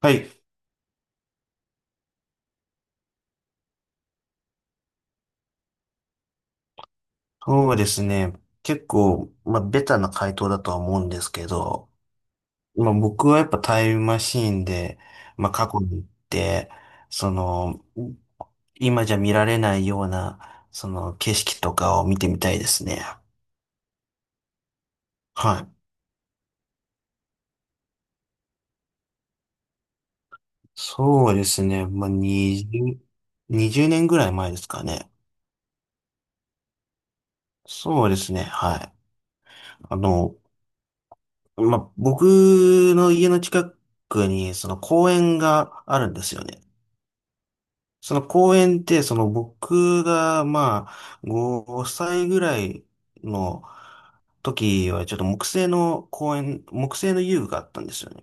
はい。そうですね。結構、まあ、ベタな回答だとは思うんですけど、まあ、僕はやっぱタイムマシーンで、まあ、過去に行って、その、今じゃ見られないような、その、景色とかを見てみたいですね。はい。そうですね。まあ、20年ぐらい前ですかね。そうですね。はい。あの、まあ、僕の家の近くに、その公園があるんですよね。その公園って、その僕が、まあ、5歳ぐらいの時は、ちょっと木製の遊具があったんですよね。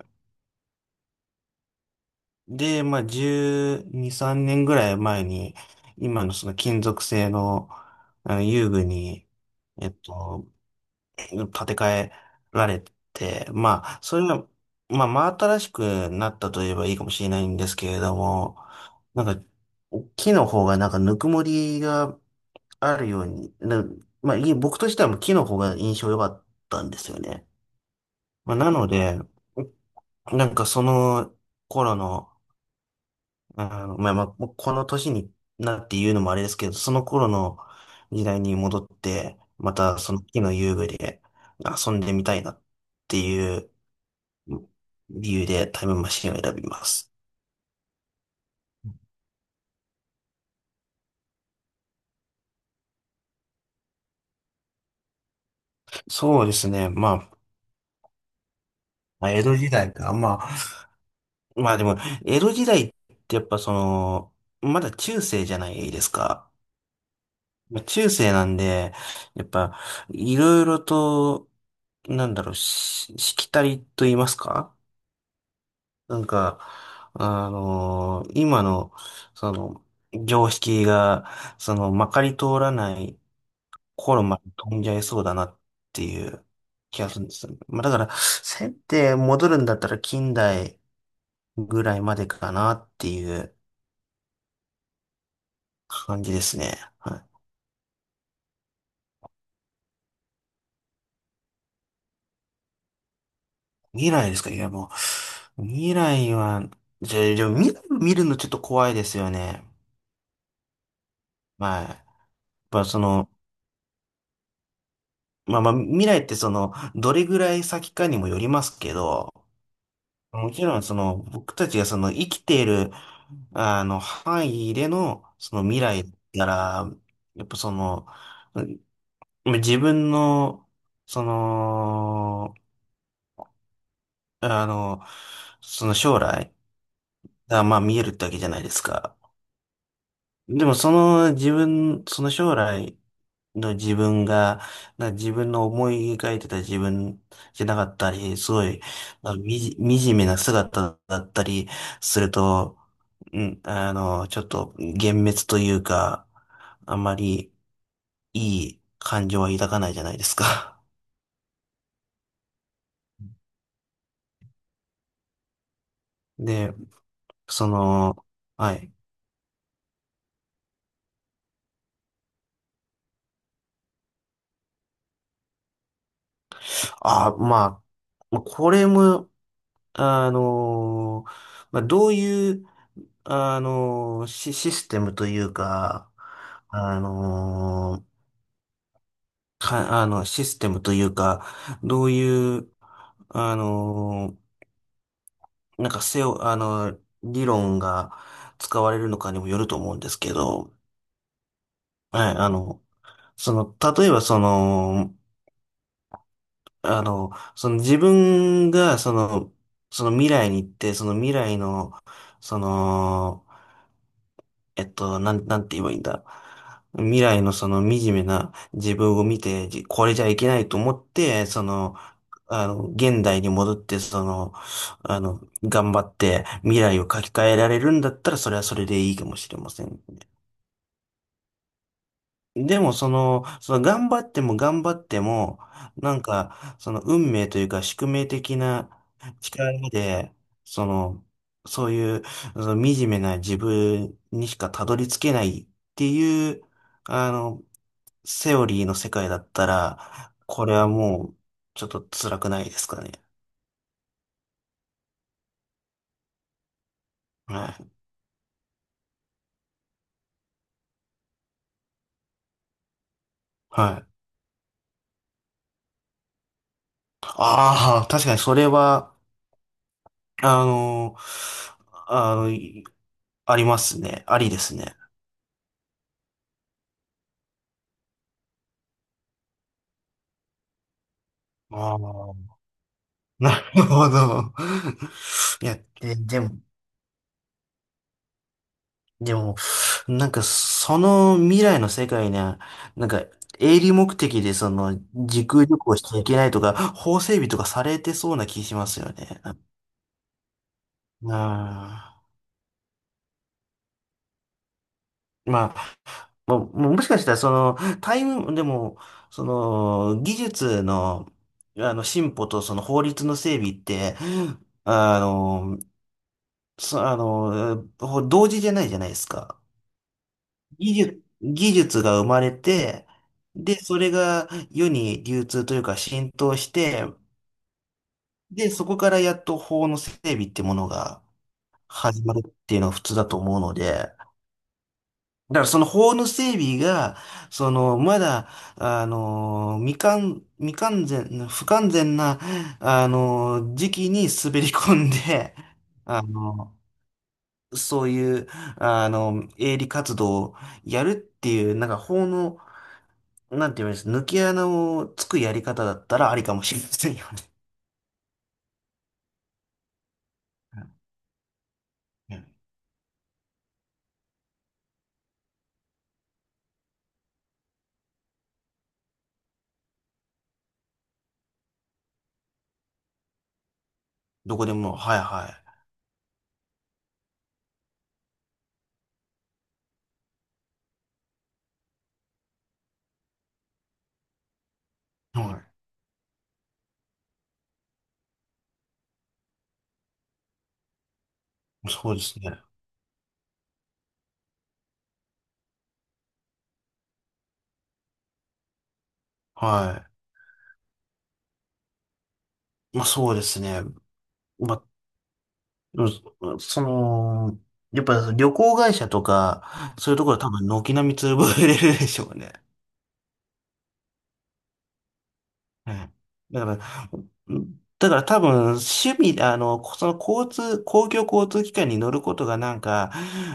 で、まあ、12、3年ぐらい前に、今のその金属製の、あの遊具に、えっと、建て替えられて、まあ、それが、まあ、真新しくなったといえばいいかもしれないんですけれども、なんか、木の方がなんかぬくもりがあるように、まあ、僕としてはもうキノが印象良かったんですよね。まあ、なので、なんかその頃の、あの、まあまあ、もうこの年になって言うのもあれですけど、その頃の時代に戻って、またその木の遊具で遊んでみたいなっていう理由でタイムマシンを選びます。そうですね。まあ、江戸時代か。まあ、まあでも、江戸時代ってやっぱその、まだ中世じゃないですか。まあ中世なんで、やっぱ、いろいろと、なんだろう、しきたりと言いますか、なんか、今の、その、常識が、その、まかり通らない頃まで飛んじゃいそうだなっていう気がするんですよね。まあ、だから、せって戻るんだったら近代ぐらいまでかなっていう感じですね。はい。未来ですか。いや、もう、未来は、じゃあ、でも未来を見るのちょっと怖いですよね。はい。まあ、その、まあまあ、未来ってその、どれぐらい先かにもよりますけど、もちろんその、僕たちがその、生きている、あの、範囲での、その未来なら、やっぱその、うん、自分の、その、あの、その将来が、まあ見えるってわけじゃないですか。でもその自分、その将来の自分が、自分の思い描いてた自分じゃなかったり、すごい、まあ、惨めな姿だったりすると、うん、ちょっと幻滅というか、あんまりいい感情は抱かないじゃないですか。で、その、はい。あ、まあ、まあこれも、あの、まあ、どういう、あの、システムというか、あの、システムというか、どういう、あの、なんかセオ、あの、理論が使われるのかにもよると思うんですけど、はい、あの、その、例えばその、あの、その自分が、その、その未来に行って、その未来の、その、なんて言えばいいんだ。未来のその惨めな自分を見て、これじゃいけないと思って、その、あの、現代に戻って、その、あの、頑張って未来を書き換えられるんだったら、それはそれでいいかもしれませんね。でも、その、その頑張っても頑張っても、なんか、その運命というか宿命的な力で、その、そういう、その惨めな自分にしかたどり着けないっていう、あの、セオリーの世界だったら、これはもう、ちょっと辛くないですかね。はい。はい。ああ、確かにそれは、あの、あの、ありますね。ありですね。ああ。なるほど。いや、でも、なんか、その未来の世界には、なんか、営利目的で、その、時空旅行しちゃいけないとか、法整備とかされてそうな気しますよね。ああ。まあ、もしかしたら、その、タイム、でも、その、技術の、あの、進歩と、その、法律の整備って、あの、そ、あの、ほ同時じゃないじゃないですか。技術が生まれて、で、それが世に流通というか浸透して、で、そこからやっと法の整備ってものが始まるっていうのが普通だと思うので、だからその法の整備が、その、まだ、あの、未完、未完全、不完全な、あの、時期に滑り込んで、あの、そういう、あの、営利活動をやるっていう、なんか法の、なんて言うんです、抜け穴をつくやり方だったらありかもしれませんよね。うん。どこでも、はいはい。はい。そうですね。はい。まあそうですね。まあ、うん、その、やっぱ旅行会社とか、そういうところは多分軒並み潰れるでしょうね。うんだから、うんだから多分趣味、あの、その交通、公共交通機関に乗ることがなんか、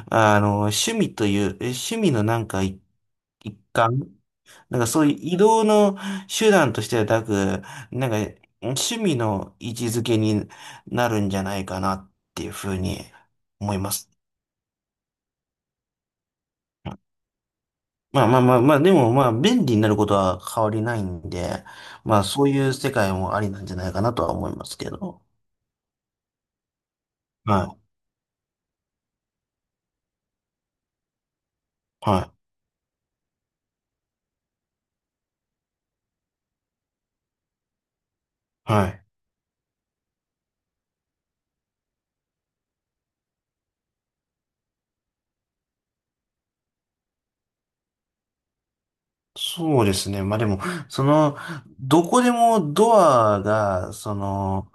あの、趣味という、趣味のなんか一環、なんかそういう移動の手段としてはなく、なんか趣味の位置づけになるんじゃないかなっていうふうに思います。まあまあまあまあ、でもまあ便利になることは変わりないんで、まあそういう世界もありなんじゃないかなとは思いますけど。はい、はい、はい。そうですね。まあでも、その、どこでもドアが、その、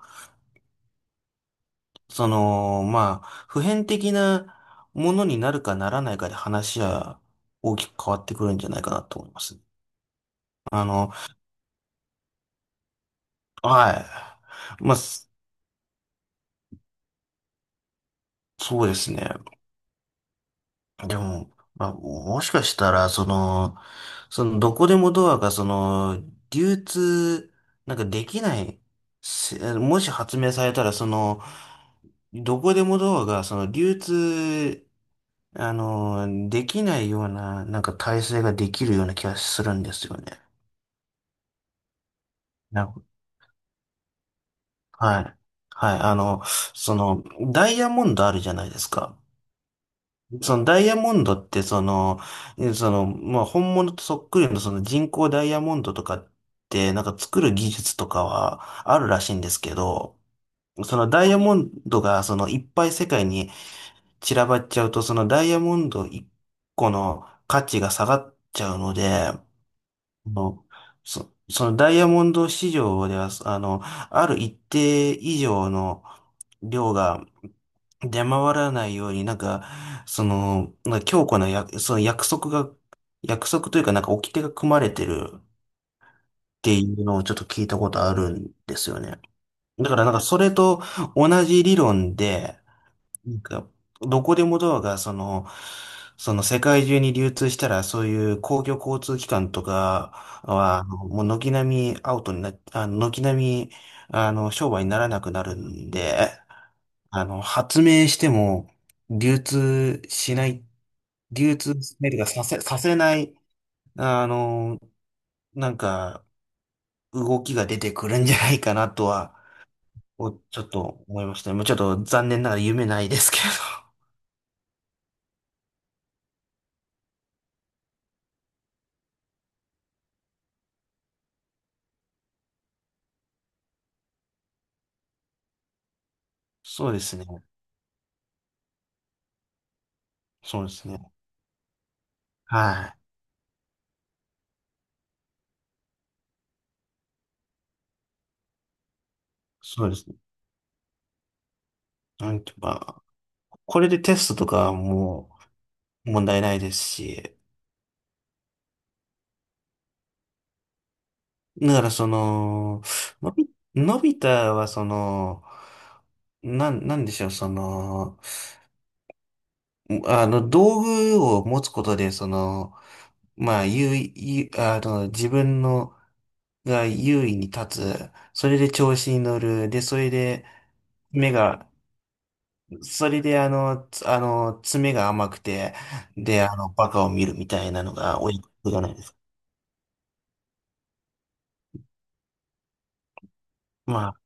その、まあ、普遍的なものになるかならないかで話は大きく変わってくるんじゃないかなと思います。あの、はい。まあ、そうですね。でも、まあ、もしかしたら、その、どこでもドアが、その、流通、なんかできない、もし発明されたら、その、どこでもドアが、その、流通、あの、できないような、なんか体制ができるような気がするんですよね。な、はい。はい。あの、その、ダイヤモンドあるじゃないですか。そのダイヤモンドって、その、その、まあ、本物とそっくりのその人工ダイヤモンドとかって、なんか作る技術とかはあるらしいんですけど、そのダイヤモンドが、その、いっぱい世界に散らばっちゃうと、そのダイヤモンド1個の価値が下がっちゃうので、あの、そのダイヤモンド市場では、あの、ある一定以上の量が出回らないように、なんか、その、なんか強固なや、その約束が、約束というか、なんか掟が組まれてるっていうのをちょっと聞いたことあるんですよね。だからなんかそれと同じ理論で、なんか、どこでもドアが、その、その世界中に流通したら、そういう公共交通機関とかは、あのもう軒並みアウトになっ、あの、軒並み、商売にならなくなるんで、あの、発明しても、流通しない、流通しないというか、させない、あの、なんか、動きが出てくるんじゃないかなとは、ちょっと思いましたね。もうちょっと残念ながら夢ないですけど。そうですね。そうですね。はい。そうですね。なんていうか、これでテストとかはもう問題ないですし、だからその、のび、のび太はその、なんでしょう、その、あの、道具を持つことで、その、まあ、優位、優あの、自分の、が優位に立つ、それで調子に乗る、で、それで、目がそれで、あの、つあの、爪が甘くて、で、あの、バカを見るみたいなのが親子じゃないですか。まあ